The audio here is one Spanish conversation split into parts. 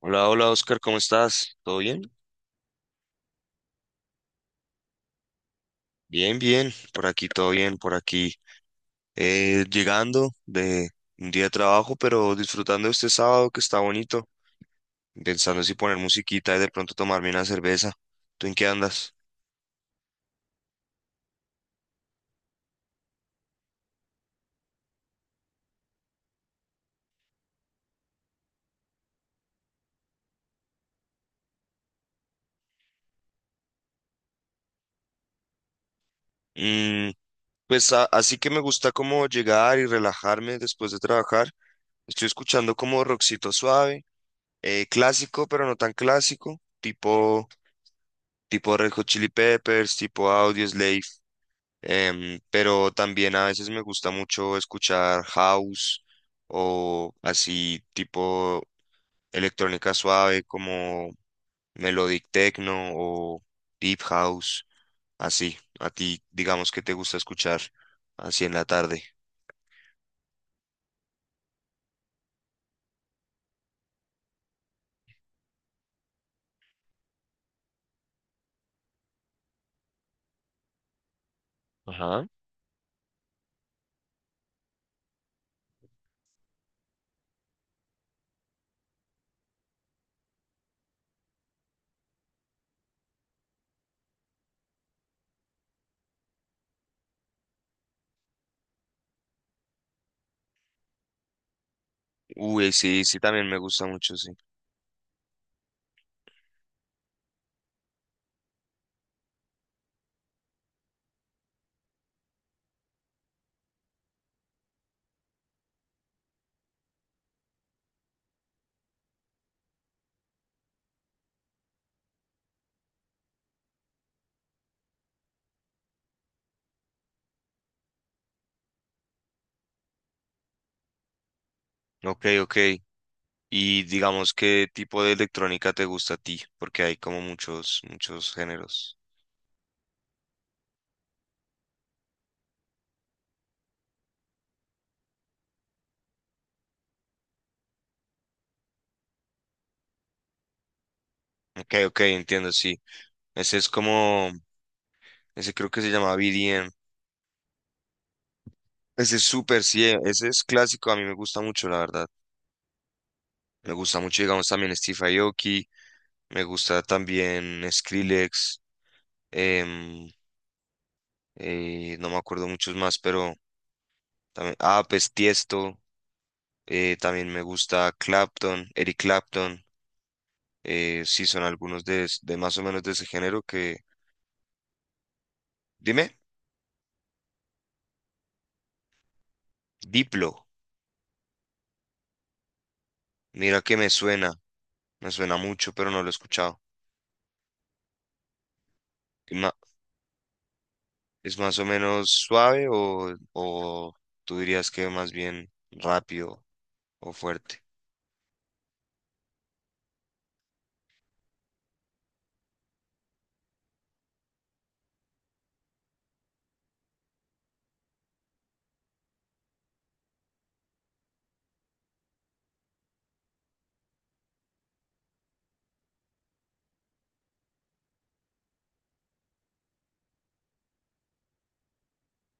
Hola, hola Oscar, ¿cómo estás? ¿Todo bien? Bien, bien, por aquí todo bien, por aquí. Llegando de un día de trabajo, pero disfrutando este sábado que está bonito, pensando si poner musiquita y de pronto tomarme una cerveza. ¿Tú en qué andas? Mm, pues así que me gusta como llegar y relajarme después de trabajar. Estoy escuchando como rockcito suave, clásico, pero no tan clásico, tipo Red Hot Chili Peppers, tipo Audioslave. Pero también a veces me gusta mucho escuchar house o así tipo electrónica suave como melodic techno o deep house, así. A ti, digamos que te gusta escuchar así en la tarde. Ajá. Uy, sí, sí, también me gusta mucho, sí. Ok, ok. Y digamos, ¿qué tipo de electrónica te gusta a ti? Porque hay como muchos, muchos géneros. Ok, ok, entiendo, sí. Ese es como ese creo que se llama BDM. Ese es súper, sí, ese es clásico, a mí me gusta mucho, la verdad. Me gusta mucho, digamos, también Steve Aoki, me gusta también Skrillex, em, no me acuerdo muchos más, pero también, ah, pues Tiesto, también me gusta Clapton, Eric Clapton, sí, son algunos de, de más o menos de ese género que, dime, Diplo, mira que me suena mucho, pero no lo he escuchado. ¿Es más o menos suave o tú dirías que más bien rápido o fuerte?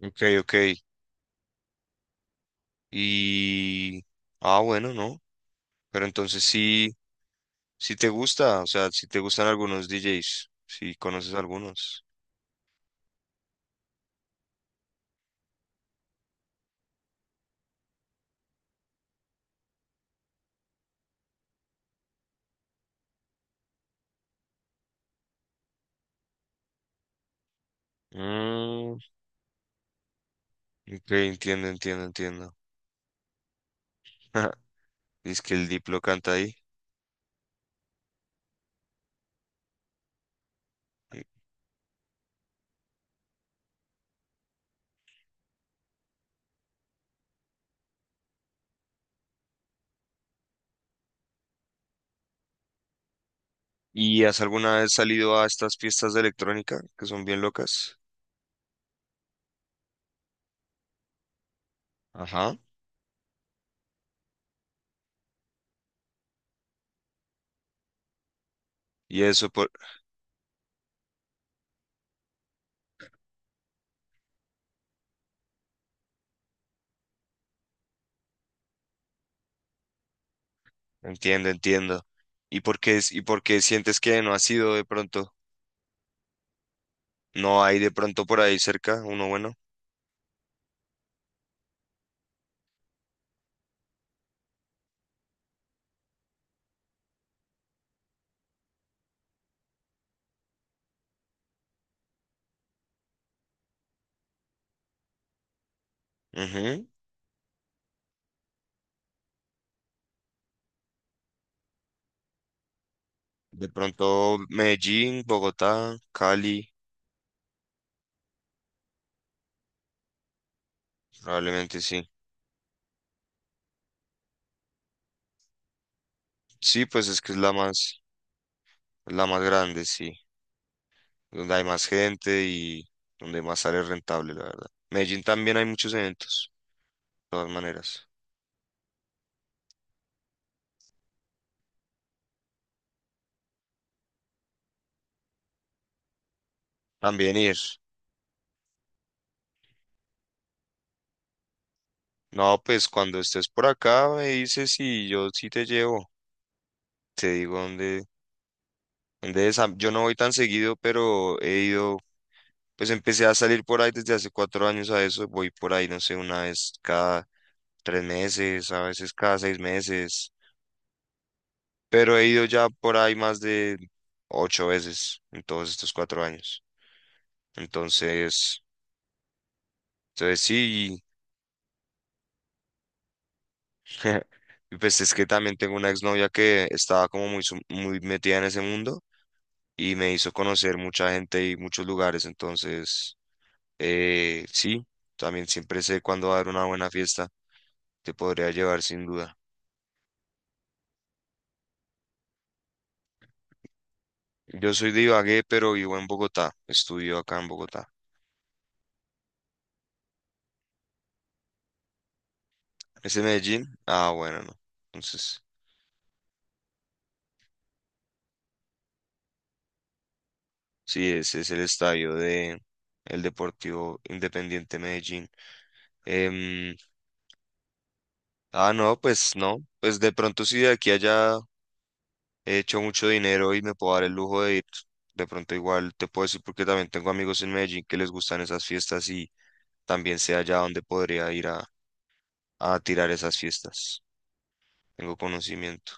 Ok, ok. Y... ah, bueno, ¿no? Pero entonces sí, sí te gusta, o sea, sí te gustan algunos DJs, si conoces algunos. Mm, ok, entiendo, entiendo, entiendo. Es que el Diplo canta ahí. ¿Y has alguna vez salido a estas fiestas de electrónica que son bien locas? Ajá. ¿Y eso, entiendo, entiendo. ¿Y por qué, y por qué sientes que no ha sido de pronto? No hay de pronto por ahí cerca, uno bueno. Ujú. De pronto Medellín, Bogotá, Cali, probablemente sí. Sí, pues es que es la más grande, sí. Donde hay más gente y donde más sale rentable, la verdad. Medellín también hay muchos eventos, de todas maneras. También ir. No, pues cuando estés por acá me dices y yo sí te llevo. Te digo dónde. De esa, yo no voy tan seguido, pero he ido, pues empecé a salir por ahí desde hace cuatro años a eso. Voy por ahí, no sé, una vez cada tres meses, a veces cada seis meses, pero he ido ya por ahí más de ocho veces en todos estos cuatro años. Entonces, entonces sí, y pues es que también tengo una exnovia que estaba como muy, muy metida en ese mundo y me hizo conocer mucha gente y muchos lugares. Entonces, sí, también siempre sé cuándo dar una buena fiesta. Te podría llevar sin duda. Yo soy de Ibagué, pero vivo en Bogotá. Estudio acá en Bogotá. ¿Es de Medellín? Ah, bueno, no. Entonces, sí, ese es el estadio de el Deportivo Independiente Medellín. Em, ah, no, pues no. Pues de pronto si de aquí a allá he hecho mucho dinero y me puedo dar el lujo de ir. De pronto igual te puedo decir porque también tengo amigos en Medellín que les gustan esas fiestas y también sé allá donde podría ir a tirar esas fiestas. Tengo conocimiento.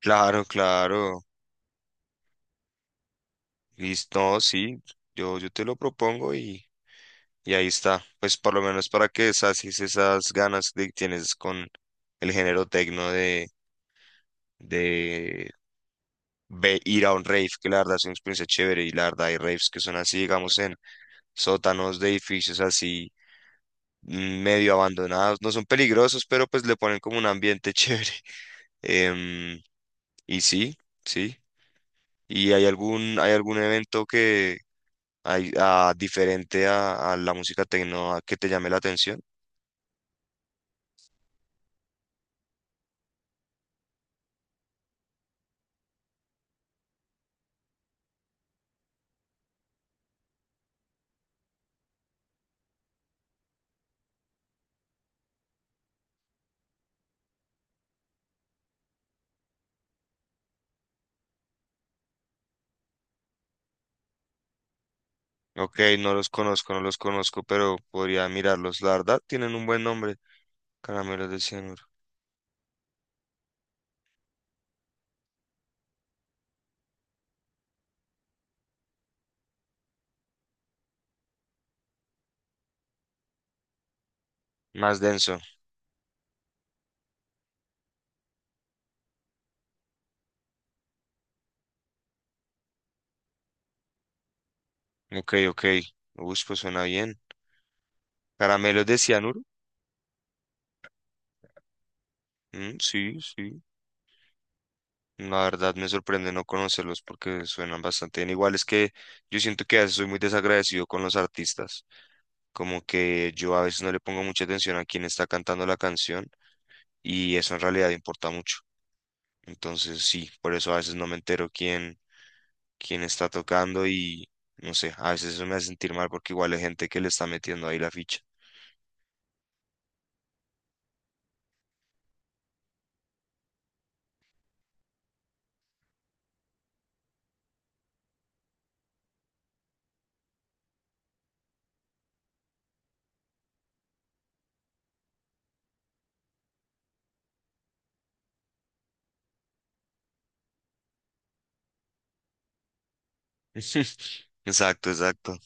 Claro, claro. Listo, no, sí. Yo te lo propongo y ahí está. Pues por lo menos para que sacies esas ganas que tienes con el género tecno de ir a un rave, que la verdad es una experiencia chévere y la verdad hay raves que son así, digamos, en sótanos de edificios así medio abandonados. No son peligrosos, pero pues le ponen como un ambiente chévere. Em, y sí, sí. ¿Y hay algún evento que hay, ah, diferente a la música tecno ah, que te llame la atención? Ok, no los conozco, no los conozco, pero podría mirarlos. La verdad, tienen un buen nombre. Caramelos de Cianuro. Más denso. Ok, ok. Uy, pues suena bien. Caramelos de Cianuro. Mm, sí, sí. La verdad me sorprende no conocerlos porque suenan bastante bien. Igual es que yo siento que a veces soy muy desagradecido con los artistas. Como que yo a veces no le pongo mucha atención a quién está cantando la canción y eso en realidad importa mucho. Entonces sí, por eso a veces no me entero quién, quién está tocando y no sé, a veces eso me hace sentir mal porque igual hay gente que le está metiendo ahí la ficha. Exacto, exacto.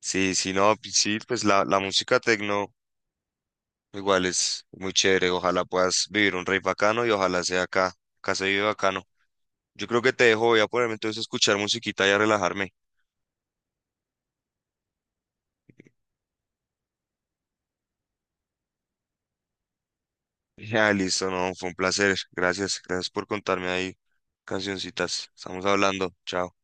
Sí, sí, no, pues sí, pues la música tecno igual es muy chévere. Ojalá puedas vivir un rey bacano y ojalá sea acá, acá se vive bacano. Yo creo que te dejo, voy a ponerme entonces a escuchar musiquita y a relajarme. Ya, listo, no, fue un placer. Gracias, gracias por contarme ahí cancioncitas. Estamos hablando, chao.